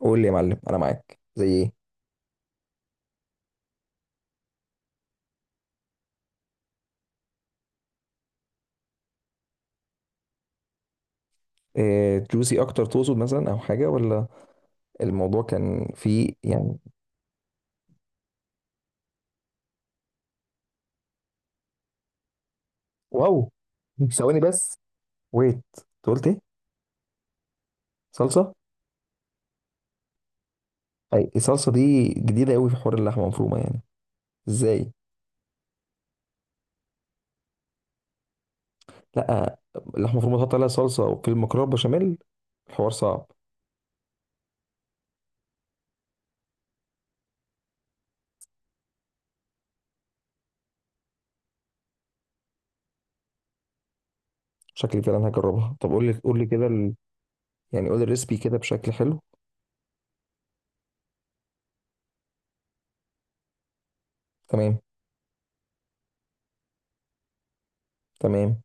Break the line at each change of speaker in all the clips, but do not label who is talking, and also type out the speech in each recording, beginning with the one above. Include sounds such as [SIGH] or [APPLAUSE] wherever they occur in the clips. قول لي يا معلم، انا معاك. زي ايه؟ إيه، جوسي اكتر تقصد مثلا او حاجه ولا؟ الموضوع كان فيه يعني. واو. ثواني بس. ويت، أنت قلت ايه؟ صلصه؟ اي الصلصه دي جديده قوي في حوار اللحمه المفرومه يعني؟ ازاي؟ لا، اللحمه المفرومه تحط عليها صلصه وفي المكرونه بشاميل؟ الحوار صعب. شكلي فعلا هجربها. طب قول لي كده ال... يعني قول لي الريسبي كده بشكل حلو. تمام. تمام.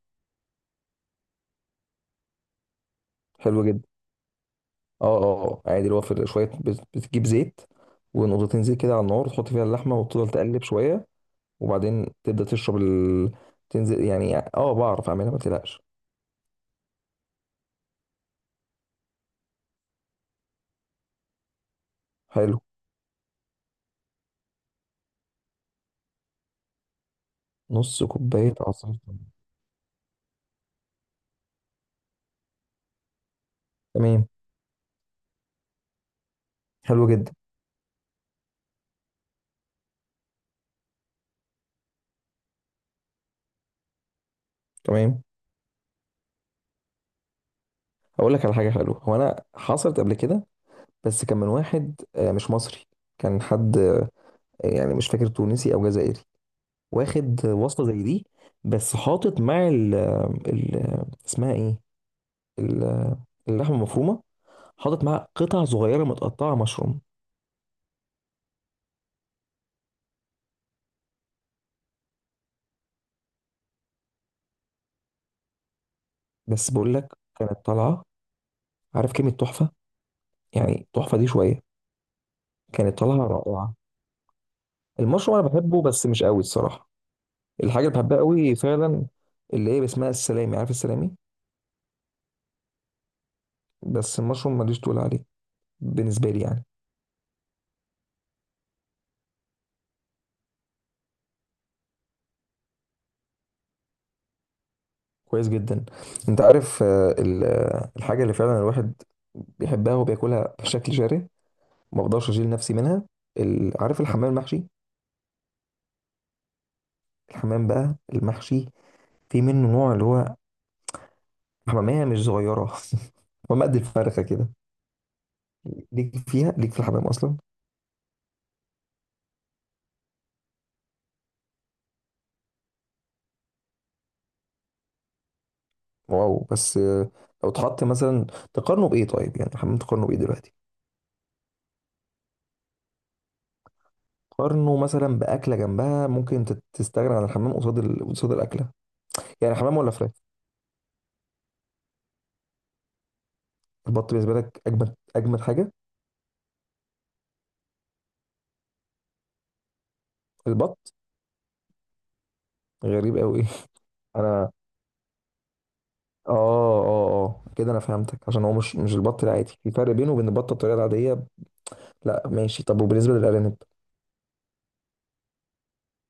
حلو جدا. اه اه اه. عادي، اللي هو في شويه بتجيب زيت ونقطتين زيت كده على النار، تحط فيها اللحمه وتفضل تقلب شويه. وبعدين تبدا تشرب ال... تنزل يعني. اه بعرف اعملها ما تقلقش. حلو. نص كوبايه عصير ليمون. تمام. حلو جدا. تمام. هقول لك على حاجه حلوه. هو انا حصلت قبل كده، بس كان من واحد مش مصري. كان حد يعني مش فاكر، تونسي او جزائري. واخد وصفه زي دي، بس حاطط مع ال... ال... اسمها ايه؟ ال- اللحمه المفرومه. حاطط معاها قطع صغيره متقطعه مشروم. بس بقول لك، كانت طالعه. عارف كلمه تحفه؟ يعني تحفه دي شويه. كانت طالعه رائعه. المشروم انا بحبه بس مش قوي الصراحه. الحاجه اللي بحبها قوي فعلا، اللي هي اسمها السلامي. عارف السلامي؟ بس المشروم ماليش تقول عليه بالنسبه لي يعني. كويس جدا. انت عارف ال- الحاجه اللي فعلا الواحد بيحبها وبياكلها بشكل جارح، ما بقدرش اشيل نفسي منها. ال- عارف الحمام المحشي؟ الحمام بقى المحشي، في منه نوع اللي هو حمامية مش صغيرة [LAUGHS] حمامة قد الفرخة كده. ليك فيها؟ ليك في الحمام أصلا؟ واو. بس لو اتحط مثلا، تقارنه بإيه طيب؟ يعني الحمام تقارنه بإيه دلوقتي؟ قارنه مثلا بأكلة جنبها ممكن تستغنى عن الحمام قصاد ال... قصاد الأكلة. يعني حمام ولا فراخ؟ البط بالنسبة لك أجمد أجمد حاجة؟ البط. غريب أوي. [LAUGHS] أنا. آه. آه آه كده أنا فهمتك، عشان هو مش البط العادي، في فرق بينه وبين البطة الطريقة العادية. لا ماشي. طب وبالنسبة للأرانب؟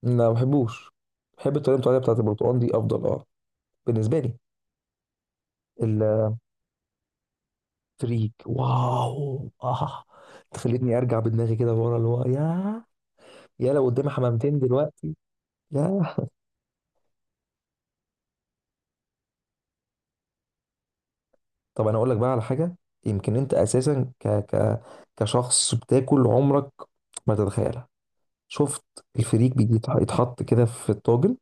لا، ما بحبوش. بحب الطريقة العادية بتاعت البرتقال دي أفضل، آه، بالنسبه لي. الفريك، واو، اه. تخليني ارجع بدماغي كده ورا، اللي هو يا يا لو قدامي حمامتين دلوقتي، يا. طب انا اقول لك بقى على حاجه. يمكن انت اساسا ك ك كشخص بتاكل، عمرك ما تتخيلها. شفت؟ الفريك بيجي يتحط كده في الطاجن،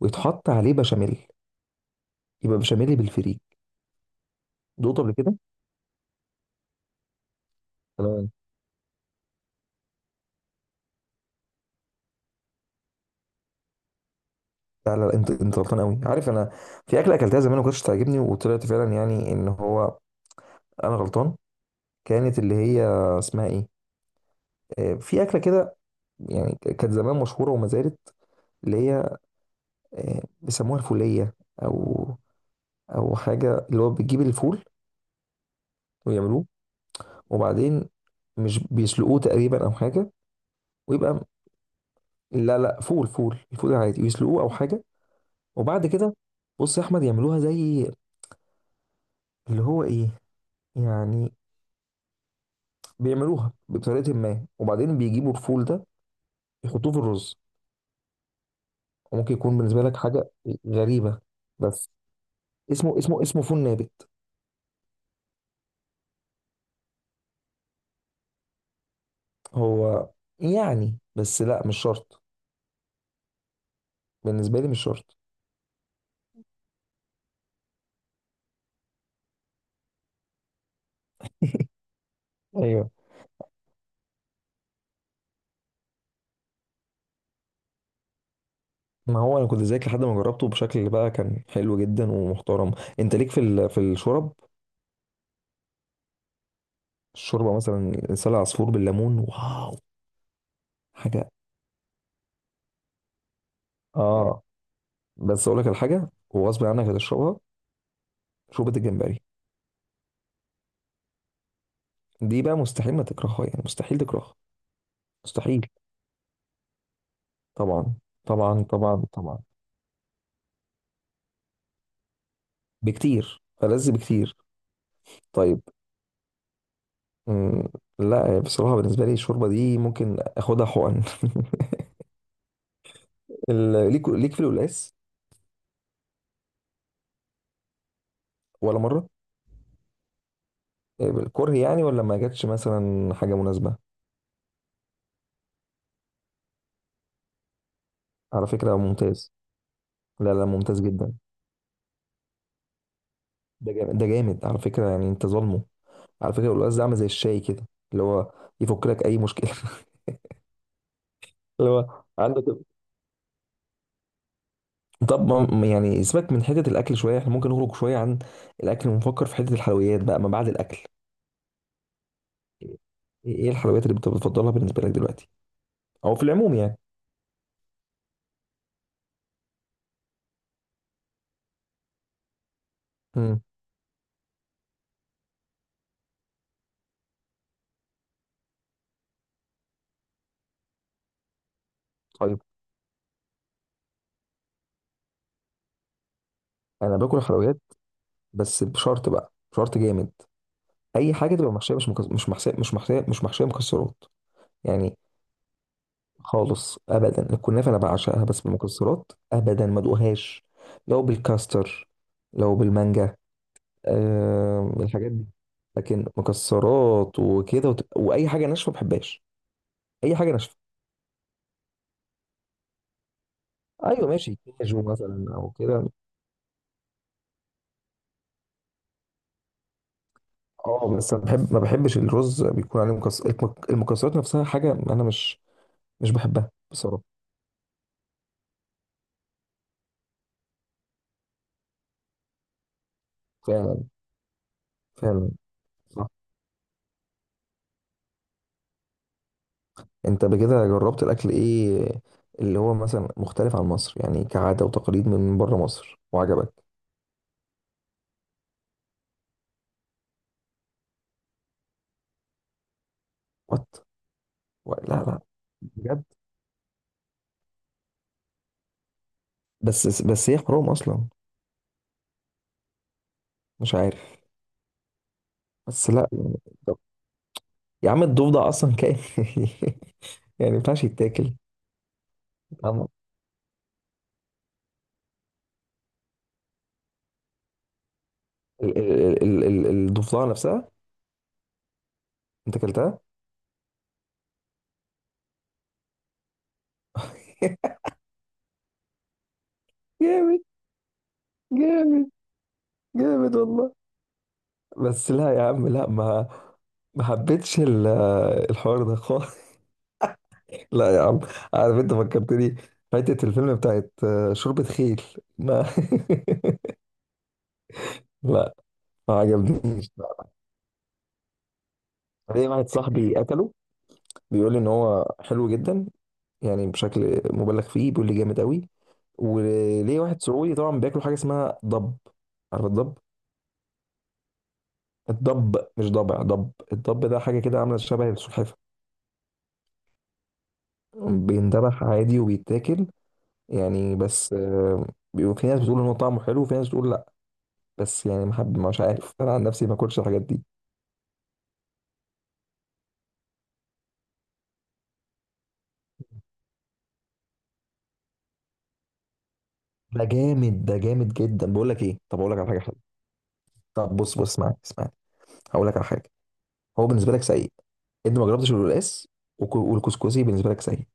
ويتحط عليه بشاميل. يبقى بشاميل بالفريك. دوقته قبل كده؟ تمام. لا، انت غلطان قوي. عارف انا في اكله اكلتها زمان ما كنتش تعجبني، وطلعت فعلا يعني ان هو انا غلطان. كانت اللي هي اسمها ايه؟ آه، في اكله كده، يعني كانت زمان مشهوره وما زالت، اللي هي آه، بيسموها الفوليه او او حاجه، اللي هو بتجيب الفول ويعملوه وبعدين مش بيسلقوه تقريبا او حاجه، ويبقى. لا لا، فول الفول العادي يسلقوه او حاجه، وبعد كده. بص يا احمد، يعملوها زي اللي هو ايه يعني، بيعملوها بطريقه ما، وبعدين بيجيبوا الفول ده يحطوه في الرز. وممكن يكون بالنسبه لك حاجه غريبه، بس اسمه اسمه فول نابت. هو يعني بس لا، مش شرط. بالنسبه لي مش شرط. [LAUGHS] ايوه. ما هو انا كنت زيك لحد ما جربته بشكل بقى كان حلو جدا ومحترم. انت ليك في ال... في الشرب؟ الشوربه مثلا لسان عصفور بالليمون، واو حاجه. اه بس اقول لك الحاجه وغصب عنك هتشربها، شوربه الجمبري. دي بقى مستحيل ما تكرهها، يعني مستحيل تكرهها. مستحيل. طبعا طبعا طبعا. طبعا بكتير، ألذ بكتير. طيب. مم، لا يعني بصراحة بالنسبة لي الشوربة دي ممكن اخدها حقن. [LAUGHS] ال- ليك ليك في القلقاس؟ ولا مرة؟ الكره يعني، ولا ما جاتش مثلا حاجة مناسبة؟ على فكرة ممتاز. لا لا، ممتاز جدا. ده جامد، ده جامد على فكرة يعني، انت ظالمه. على فكرة القلقاس ده عامل زي الشاي كده، اللي هو يفك لك اي مشكلة. [LAUGHS] اللي هو عندك. طب ما يعني سيبك من حتة الاكل شوية، احنا ممكن نخرج شوية عن الاكل ونفكر في حتة الحلويات بقى ما بعد الاكل. ايه إيه الحلويات اللي بتفضلها بالنسبة لك دلوقتي او في العموم يعني؟ امم. طيب. انا باكل الحلويات بس بشرط بقى، بشرط جامد. اي حاجه تبقى محشيه، مش مش محشيه، مش محشيه مكسرات، يعني خالص ابدا. الكنافه انا بعشقها، بس بالمكسرات ابدا ما ادوقهاش. لو بالكاستر، لو بالمانجا، آه... الحاجات دي. لكن مكسرات وكده وت... واي حاجه ناشفه ما بحبهاش. اي حاجه ناشفه. ايوه، ماشي، كاجو مثلا او كده. اه، بس انا بحب، ما بحبش الرز بيكون عليه مكسر، المكسرات نفسها حاجه انا مش، مش بحبها بصراحة. فعلا. فعلا. صح. انت بكده جربت الاكل ايه اللي هو مثلا مختلف عن مصر، يعني كعادة وتقاليد من بره مصر وعجبك؟ وات؟ لا لا. بجد؟ بس بس هي حرام اصلا. مش عارف. بس لا يعني. طب يا عم الضفدع اصلا كائن، [LAUGHS] يعني ما ينفعش يتاكل. عم- ال- ال- ال- ال- الضفدعة نفسها انت اكلتها؟ [LAUGHS] جامد. جامد. جامد والله. بس لا يا عم، لا، ما ما حبيتش ال- الحوار ده خالص. لا يا عم. عارف انت فكرتني، فاتت الفيلم بتاعت آه، شوربة خيل. ما. [LAUGHS] لا ما عجبنيش. ليه واحد صاحبي قتله، بيقول لي ان هو حلو جدا، يعني بشكل مبالغ فيه بيقول لي جامد قوي. وليه واحد سعودي طبعا، بياكلوا حاجه اسمها ضب. عارف الضب؟ الضب، مش ضبع، ضب. الضب ده حاجه كده عامله شبه السلحفه، بيندبح عادي وبيتاكل، يعني. بس بيبقى في ناس بتقول ان هو طعمه حلو، وفي ناس بتقول. بس يعني ما حد، مش عارف، انا عن نفسي ما اكلش الحاجات دي. ده جامد، ده جامد جدا. بقول لك ايه، طب اقول لك على حاجه حلوه. طب بص بص، اسمعني. هقول لك على حاجه. هو بالنسبه لك سيء انت ما جربتش القلقاس، والكسكسي بالنسبه لك سيء.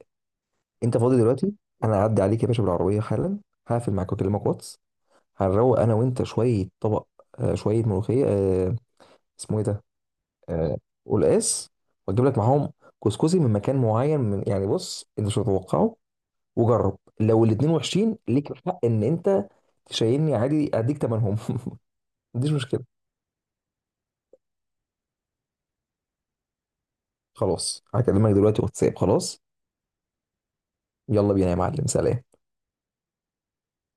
انت فاضي دلوقتي؟ انا هعدي عليك يا باشا بالعربيه حالا. هقفل معاك واكلمك واتس. هنروق انا وانت شويه طبق آه شويه ملوخيه. آه اسمه ايه ده؟ آه قلقاس. واجيب لك معاهم كسكسي من مكان معين، من يعني بص انت مش هتتوقعه. وجرب، لو الاتنين وحشين ليك الحق ان انت تشيلني عادي، اديك تمنهم. [LAUGHS] مفيش مشكله. خلاص هكلمك دلوقتي واتساب، خلاص. يلا بينا يا معلم، سلام.